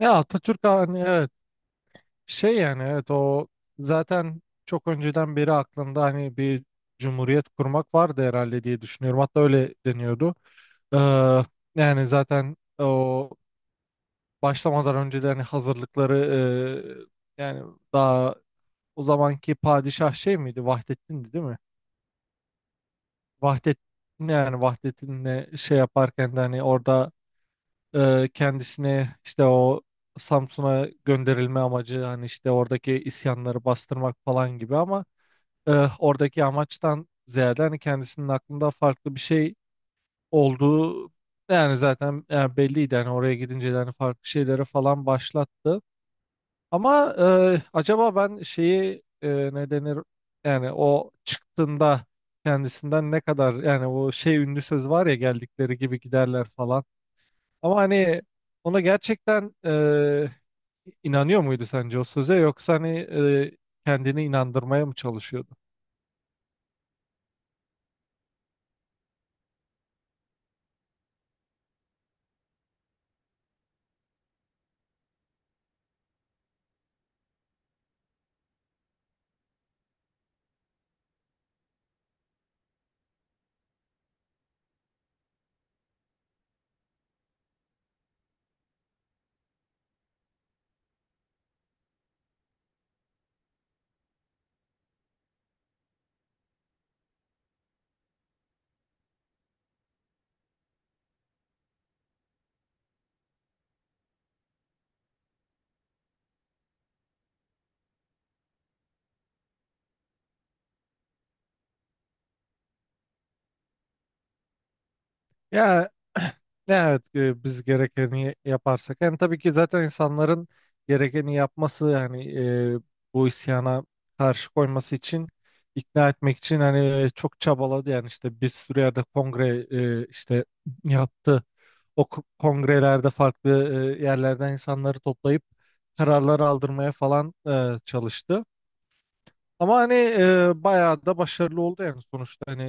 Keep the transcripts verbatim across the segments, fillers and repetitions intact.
Ya Atatürk, hani, evet, şey yani evet, o zaten çok önceden beri aklında, hani, bir cumhuriyet kurmak vardı herhalde diye düşünüyorum. Hatta öyle deniyordu. Ee, yani zaten o başlamadan önce de hani hazırlıkları e, yani daha o zamanki padişah şey miydi? Vahdettin'di değil mi? Vahdet Yani Vahdettin'le şey yaparken de hani orada, e, kendisini, işte, o Samsun'a gönderilme amacı hani işte oradaki isyanları bastırmak falan gibi ama e, oradaki amaçtan ziyade hani kendisinin aklında farklı bir şey olduğu yani, zaten yani, belliydi hani, oraya gidince de hani farklı şeyleri falan başlattı. Ama e, acaba ben şeyi, e, ne denir yani, o çıktığında kendisinden ne kadar yani, o şey ünlü söz var ya, geldikleri gibi giderler falan. Ama hani ona gerçekten e, inanıyor muydu sence o söze, yoksa hani e, kendini inandırmaya mı çalışıyordu? Ya evet, e, biz gerekeni yaparsak yani, tabii ki, zaten insanların gerekeni yapması yani, e, bu isyana karşı koyması için, ikna etmek için hani e, çok çabaladı yani, işte bir sürü yerde kongre, e, işte, yaptı. O ko- kongrelerde farklı e, yerlerden insanları toplayıp kararlar aldırmaya falan e, çalıştı. Ama hani e, bayağı da başarılı oldu yani, sonuçta hani,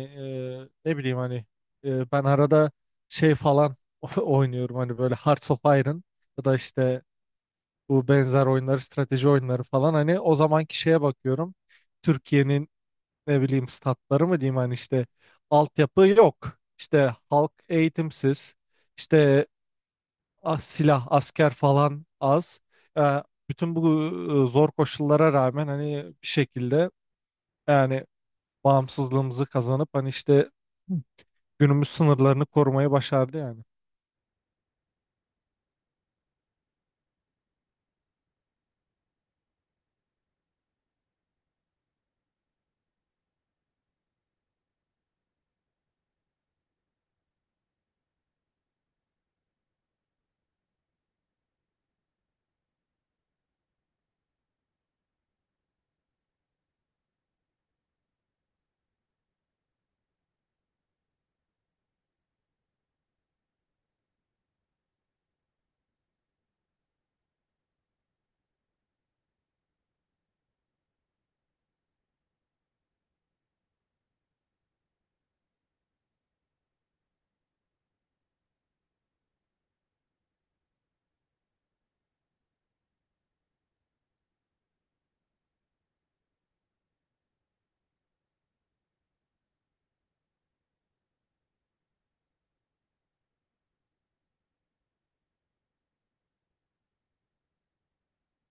e, ne bileyim hani, e, ben arada şey falan oynuyorum hani, böyle Hearts of Iron ya da işte bu benzer oyunları, strateji oyunları falan, hani o zamanki şeye bakıyorum, Türkiye'nin ne bileyim statları mı diyeyim, hani işte altyapı yok, işte halk eğitimsiz, işte ah, silah asker falan az. E, Bütün bu e, zor koşullara rağmen hani bir şekilde yani bağımsızlığımızı kazanıp hani işte günümüz sınırlarını korumayı başardı yani.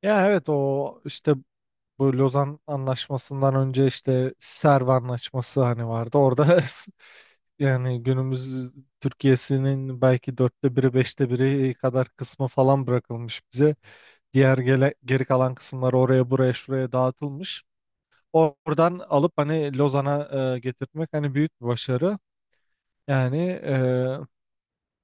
Ya evet, o işte bu Lozan Anlaşması'ndan önce işte Serv Anlaşması hani vardı. Orada yani günümüz Türkiye'sinin belki dörtte biri, beşte biri kadar kısmı falan bırakılmış bize. Diğer gele, geri kalan kısımlar oraya buraya şuraya dağıtılmış. Oradan alıp hani Lozan'a e, getirtmek hani büyük bir başarı. Yani,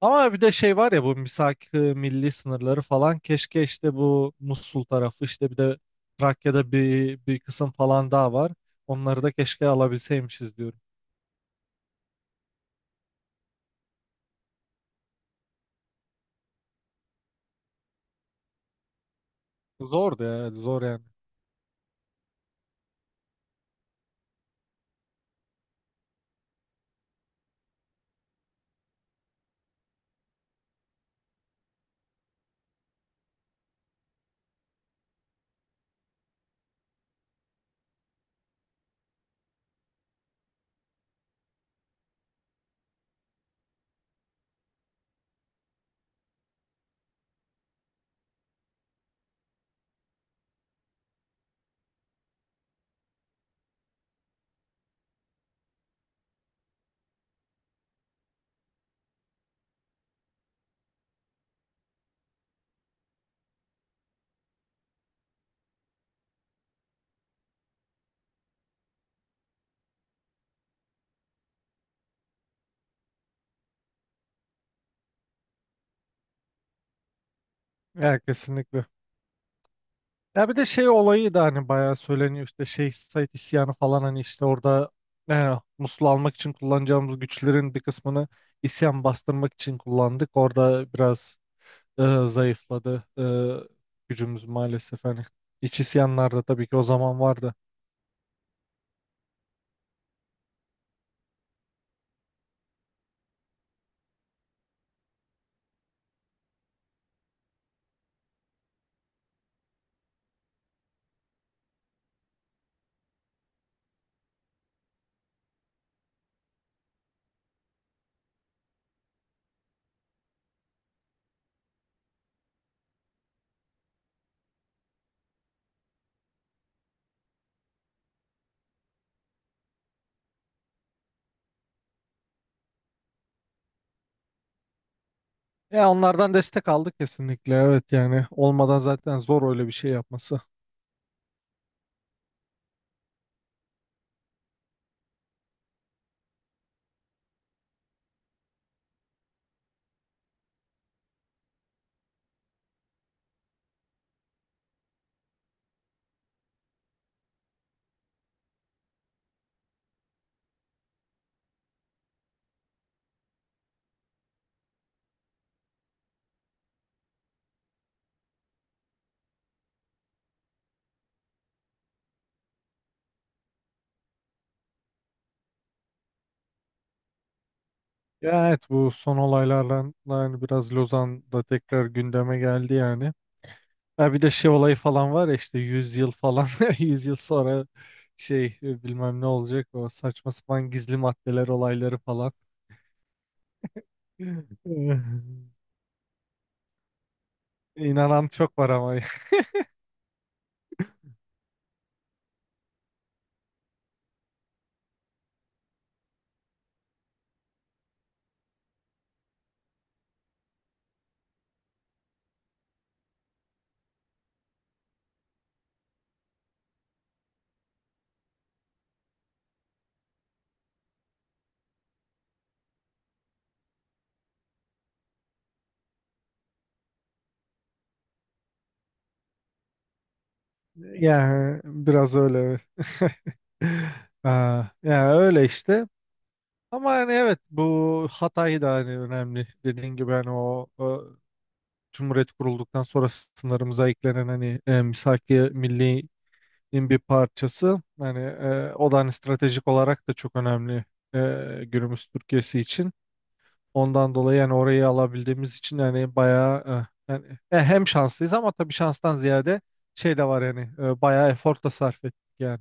ama bir de şey var ya, bu misak milli sınırları falan, keşke işte bu Musul tarafı, işte bir de Trakya'da bir, bir kısım falan daha var. Onları da keşke alabilseymişiz diyorum. Zordu ya, zor yani. Ya kesinlikle. Ya bir de şey olayı da hani bayağı söyleniyor, işte Şeyh Said isyanı falan, hani işte orada yani Musul'u almak için kullanacağımız güçlerin bir kısmını isyan bastırmak için kullandık. Orada biraz e, zayıfladı. E, gücümüz maalesef, hani, iç isyanlarda tabii ki o zaman vardı. Ya onlardan destek aldık kesinlikle. Evet, yani olmadan zaten zor öyle bir şey yapması. Ya evet, bu son olaylardan yani biraz Lozan'da tekrar gündeme geldi yani. Ha bir de şey olayı falan var ya, işte yüz yıl falan yüz yıl sonra şey e, bilmem ne olacak, o saçma sapan gizli maddeler olayları falan. İnanan çok var ama. Yani biraz öyle. Ya yani öyle işte. Ama hani evet, bu Hatay da hani önemli. Dediğin gibi hani o, o Cumhuriyet kurulduktan sonra sınırımıza eklenen, hani e, Misaki Milli'nin bir parçası. Hani e, o da hani stratejik olarak da çok önemli e, günümüz Türkiye'si için. Ondan dolayı yani orayı alabildiğimiz için yani bayağı, e, yani, e, hem şanslıyız, ama tabii şanstan ziyade şey de var yani, e, bayağı efor da sarf ettik yani.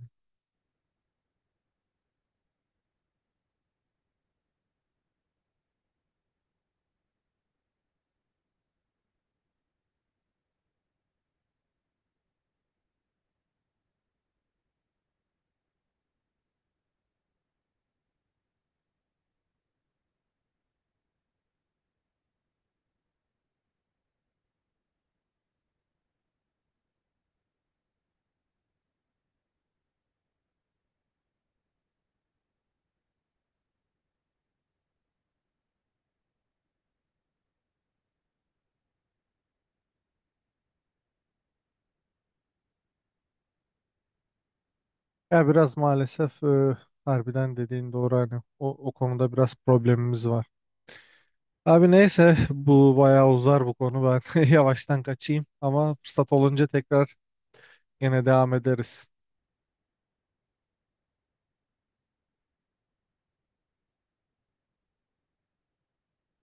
Ya biraz maalesef e, harbiden dediğin doğru, hani o, o konuda biraz problemimiz var. Abi neyse, bu bayağı uzar bu konu, ben yavaştan kaçayım ama fırsat olunca tekrar yine devam ederiz.